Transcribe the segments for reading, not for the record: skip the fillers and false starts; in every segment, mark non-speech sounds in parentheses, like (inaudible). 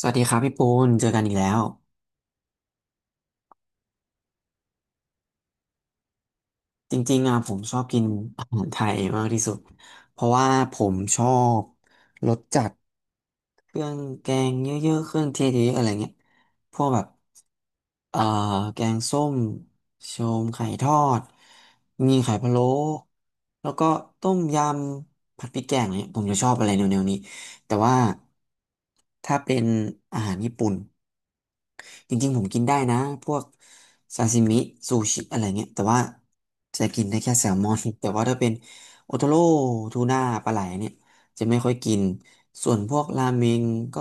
สวัสดีครับพี่ปูนเจอกันอีกแล้วจริงๆอ่ะผมชอบกินอาหารไทยมากที่สุดเพราะว่าผมชอบรสจัดเครื่องแกงเยอะๆ เครื่องเทศเยอะๆอะไรเงี้ยพวกแบบเอ่อแกงส้มโชมไข่ทอดมีไข่พะโล้แล้วก็ต้มยำผัดพริกแกงอะไรเนี่ยผมจะชอบอะไรแนวๆนี้แต่ว่าถ้าเป็นอาหารญี่ปุ่น จริงๆผมกินได้นะพวกซาซิมิซูชิอะไรเงี้ยแต่ว่าจะกินได้แค่แซลมอน (laughs) แต่ว่าถ้าเป็นโอโทโร่ทูน่าปลาไหลเนี่ยจะไม่ค่อยกินส่วนพวกราเมงก็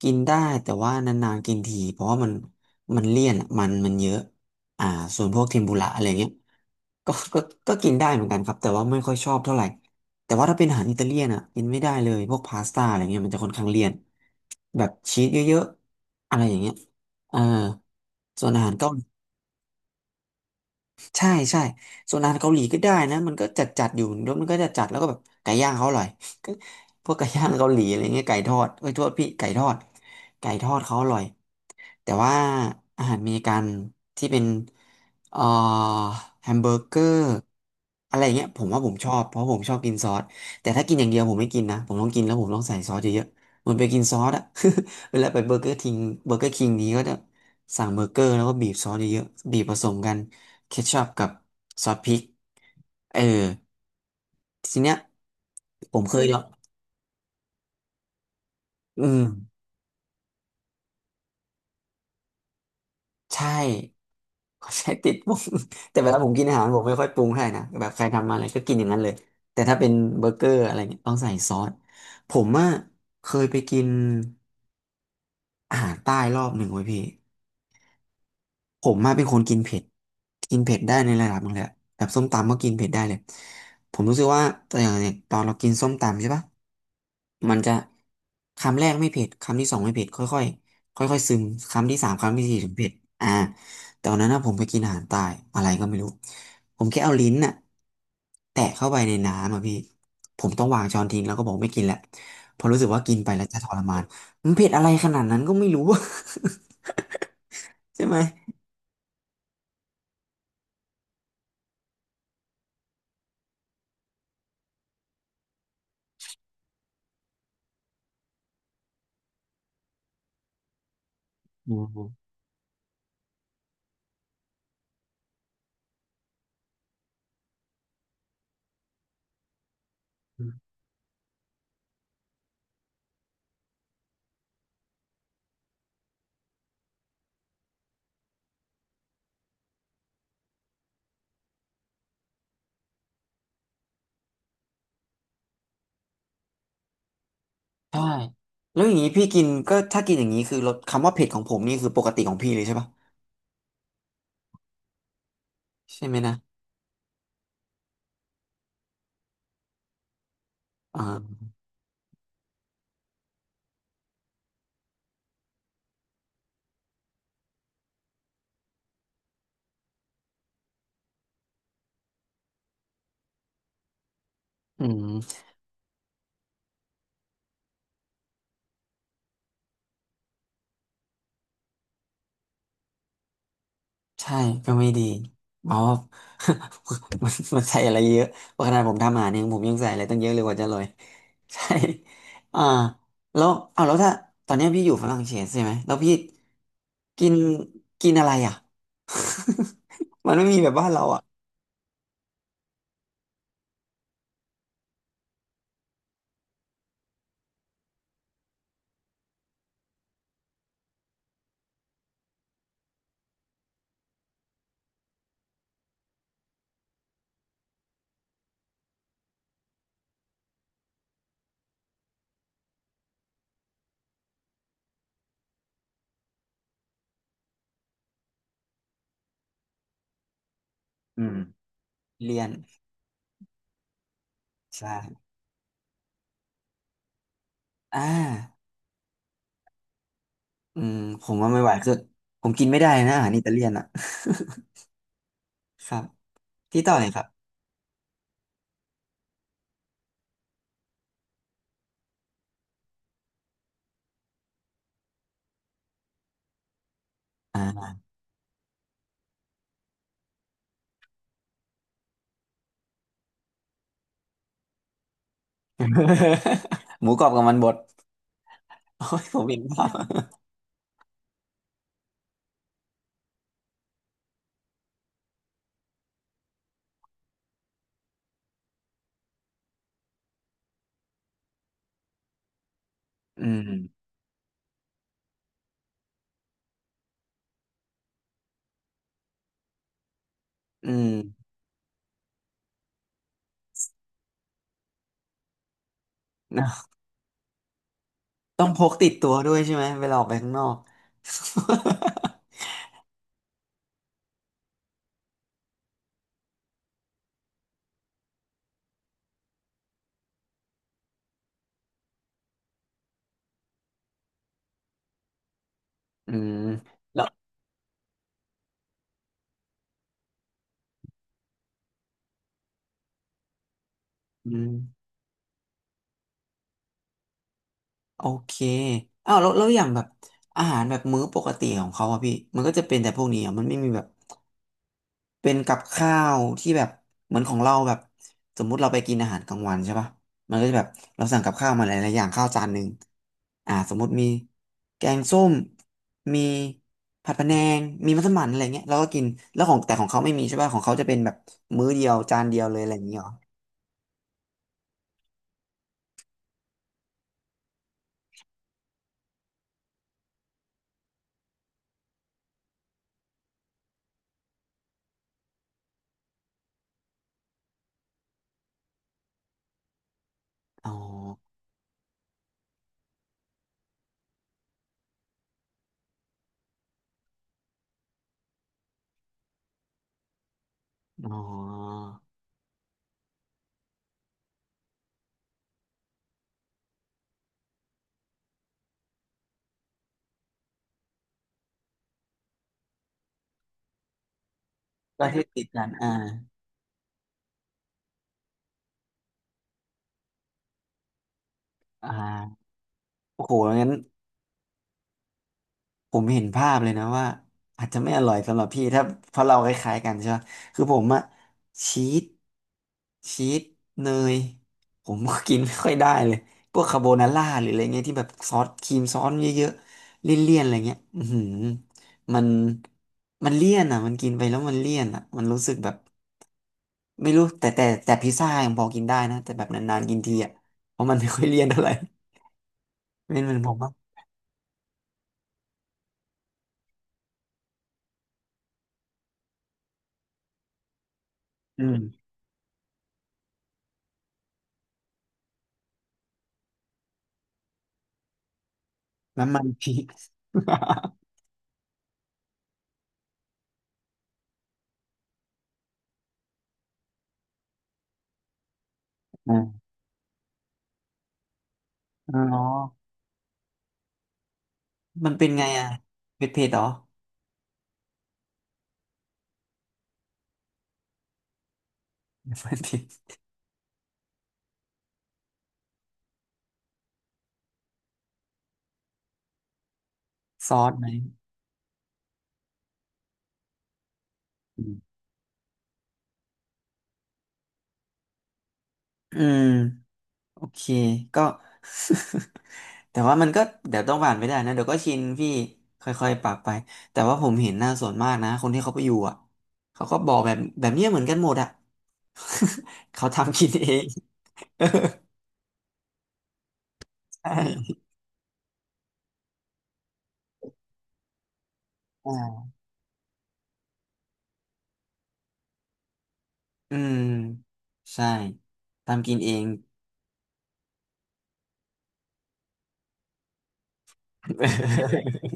กินได้แต่ว่านานๆกินทีเพราะว่ามันเลี่ยนอะมันเยอะอ่าส่วนพวกเทมปุระอะไรเงี้ยก็ก็ก็กินได้เหมือนกันครับแต่ว่าไม่ค่อยชอบเท่าไหร่แต่ว่าถ้าเป็นอาหารอิตาเลียนอ่ะกินไม่ได้เลยพวกพาสต้าอะไรเงี้ยมันจะค่อนข้างเลี่ยน แบบชีสเยอะๆอะไรอย่างเงี้ยเออส่วนอาหารเกาหลีใช่ใช่ส่วนอาหารเกาหลีก็ได้นะมันก็จัดจัดอยู่แล้วมันก็จะจัดแล้วก็แบบไก่ย่างเขาอร่อย (laughs) ก็พวกไก่ย่างเกาหลีอะไรเงี้ยไก่ทอดเอ้ยโทษพี่ไก่ทอดไก่ทอดเขาอร่อย แต่ว่าอาหารอเมริกันที่เป็นเอ่อแฮมเบอร์เกอร์อะไรอย่างเงี้ยผมว่าผมชอบเพราะผมชอบกินซอสแต่ถ้ากินอย่างเดียวผมไม่กินนะผมต้องกินแล้วผมต้องใส่ซอสเยอะๆเหมือนไปกินซอสอะ (laughs) เวลาไปเบอร์เกอร์ทิงเบอร์เกอร์คิงนี้ก็จะสั่งเบอร์เกอร์แล้วก็บีบซอสเยอะๆบีบผสมกันเคชัพกับซอสพริกเออทีเนี้ยผมเคยลองอืม ใช่ (laughs) ขใช้ติดปรุง (laughs) แต่เวลาผมกินอาหารผมไม่ค่อยปรุงให้นะแบบใครทำมาอะไรก็กินอย่างนั้นเลยแต่ถ้าเป็นเบอร์เกอร์อะไรเนี่ยต้องใส่ซอสผมอ่ะเคยไปกินอาหารใต้รอบหนึ่งไว้ยพี่ผมมาเป็นคนกินเผ็ดกินเผ็ดได้ในระดับหนึงเลยอะแบบส้มตำก็กินเผ็ดได้เลยผมรู้สึกว่าแต่อย่างเนี่ยตอนเรากินส้มตำใช่ปะ มันจะคำแรกไม่เผ็ดคำที่สองไม่เผ็ดค่อยๆค่อยๆซึมคำที่สามคำที่สี่ถึงเผ็ดอ่าแต่วันนั้นนะผมไปกินอาหารใตายอะไรก็ไม่รู้ผมแค่เอาลิ้นน่ะแตะเข้าไปในน้ำอ่ะพี่ผมต้องวางช้อนทิ้งแล้วก็บอกไม่กินและเพราะรู้สึกว่ากินไปแล้วจะทรมานมันเผ็ดอะไรขนาดนั้นก็ไม่รู้ (laughs) ใช่ไหมอืมใช่แล้วอย่างนี้พี่กินก็ถ้ากินอย่างนี้คือรสคำว่าเผ็ดของผมนี่คือปกติของพี่เลยใช่ปะใช่ไหมนะอ่าอืม ใช่ก็ไม่ดีเพราะ (laughs) ว่า (laughs) มันใส่อะไรเยอะเพราะขนาดผมทำอาหารเองผมยังใส่อะไรตั้งเยอะเลยกว่าจะอรย (laughs) ใช่อ่าแล้วเอาแล้วถ้าตอนเนี้ยพี่อยู่ฝรั่งเศสใช่ไหมแล้วพี่กินกินอะไรอ่ะ (laughs) มันไม่มีแบบบ้านเราอ่ะอืมเลียนใช่อ่าอืมผมว่าไม่ไหวคือผมกินไม่ได้นะอาหารอิตาเลียนอ่ะ (laughs) ครับที่ต่อเลยครับอ่า (laughs) หมูกรอบกับมันบด (laughs) โอ้ยผมเห็นภาพอืม อืมนะต้องพกติดตัวด้วยใช่ไหมเวลาออกไปข้างนอก (laughs) อืมแล้วอืมโอเคอ้าวแล้วอย่างแบบอาหารแบบมื้อปกติของเขาอะพี่มันก็จะเป็นแต่พวกนี้อะมันไม่มีแบบ เป็นกับข้าวที่แบบเหมือนของเราแบบสมมุติเราไปกินอาหารกลางวันใช่ปะมันก็จะแบบเราสั่งกับข้าวมาหลายๆอย่างข้าวจานหนึ่งอ่าสมมุติมีแกงส้มมีผัดพะแนงมีมัสมั่นอะไรเงี้ยเราก็กินแล้วของเขาไม่มีใช่ปะของเขาจะเป็นแบบมื้อเดียวจานเดียวเลยอะไรอย่างเงี้ยเหรออ๋ออ๋อก็ที่ติดกันอ่าอ่าโอ้โหงั้น ผมเห็นภาพเลยนะว่าอาจจะไม่อร่อยสำหรับพี่ถ้าเพราะเราคล้ายๆกันใช่ไหมคือผมอะชีสชีสเนยผมก็กินไม่ค่อยได้เลยพวกคาโบนาร่าหรืออะไรเงี้ยที่แบบซอสครีมซอสเยอะๆเลี่ยนๆอะไรเงี้ยอือหือมันเลี่ยนอะมันกินไปแล้วมันเลี่ยนอะมันรู้สึกแบบไม่รู้แต่พิซซ่ายังพอกินได้นะแต่แบบนานๆกินทีอะเพราะมันไม่ค่อยเลี่ยนเท่าไหร่ (laughs) เป็นเหมือนผมอ่ะอืมน้ำมัน (laughs) พริก (laughs) อ๋อมันเป็นไงอ่ะเผ็ดเหรอมันเผ็ดซอสไหมอืมอืมโอเคก็ (laughs) แต่ว่ามันก็เดี๋ยวต้องผ่านไปได้นะเดี๋ยวก็ชินพี่ค่อยๆปรับไปแต่ว่าผมเห็นหน้าส่วนมากนะคนที่เขาไปอยู่อ่ะเขาก็บอกแบบเนี้ยเหมือนกันหมดอ่ะ (laughs) เขาทำกินเอง (laughs) ใช่อ่าอืมใช่ทำกินเอง (laughs)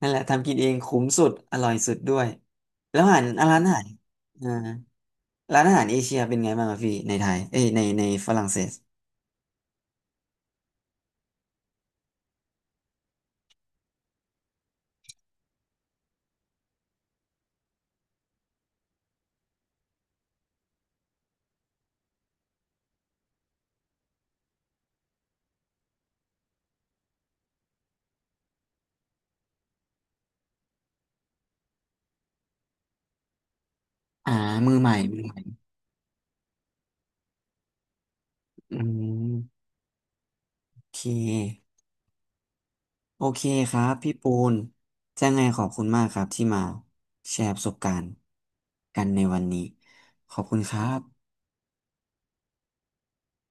นั่นแหละทำกินเองคุ้มสุดอร่อยสุดด้วยแล้วอาหารอ่ะร้านอาหารอ่าร้านอาหารเอเชียเป็นไงบ้างอะพี่ในไทยเอ้ยในฝรั่งเศสอ่ามือใหม่มือใหม่อืมโอเคโอเคครับพี่ปูนจะไงขอบคุณมากครับที่มาแชร์ประสบการณ์กันในวันนี้ขอบคุณครับ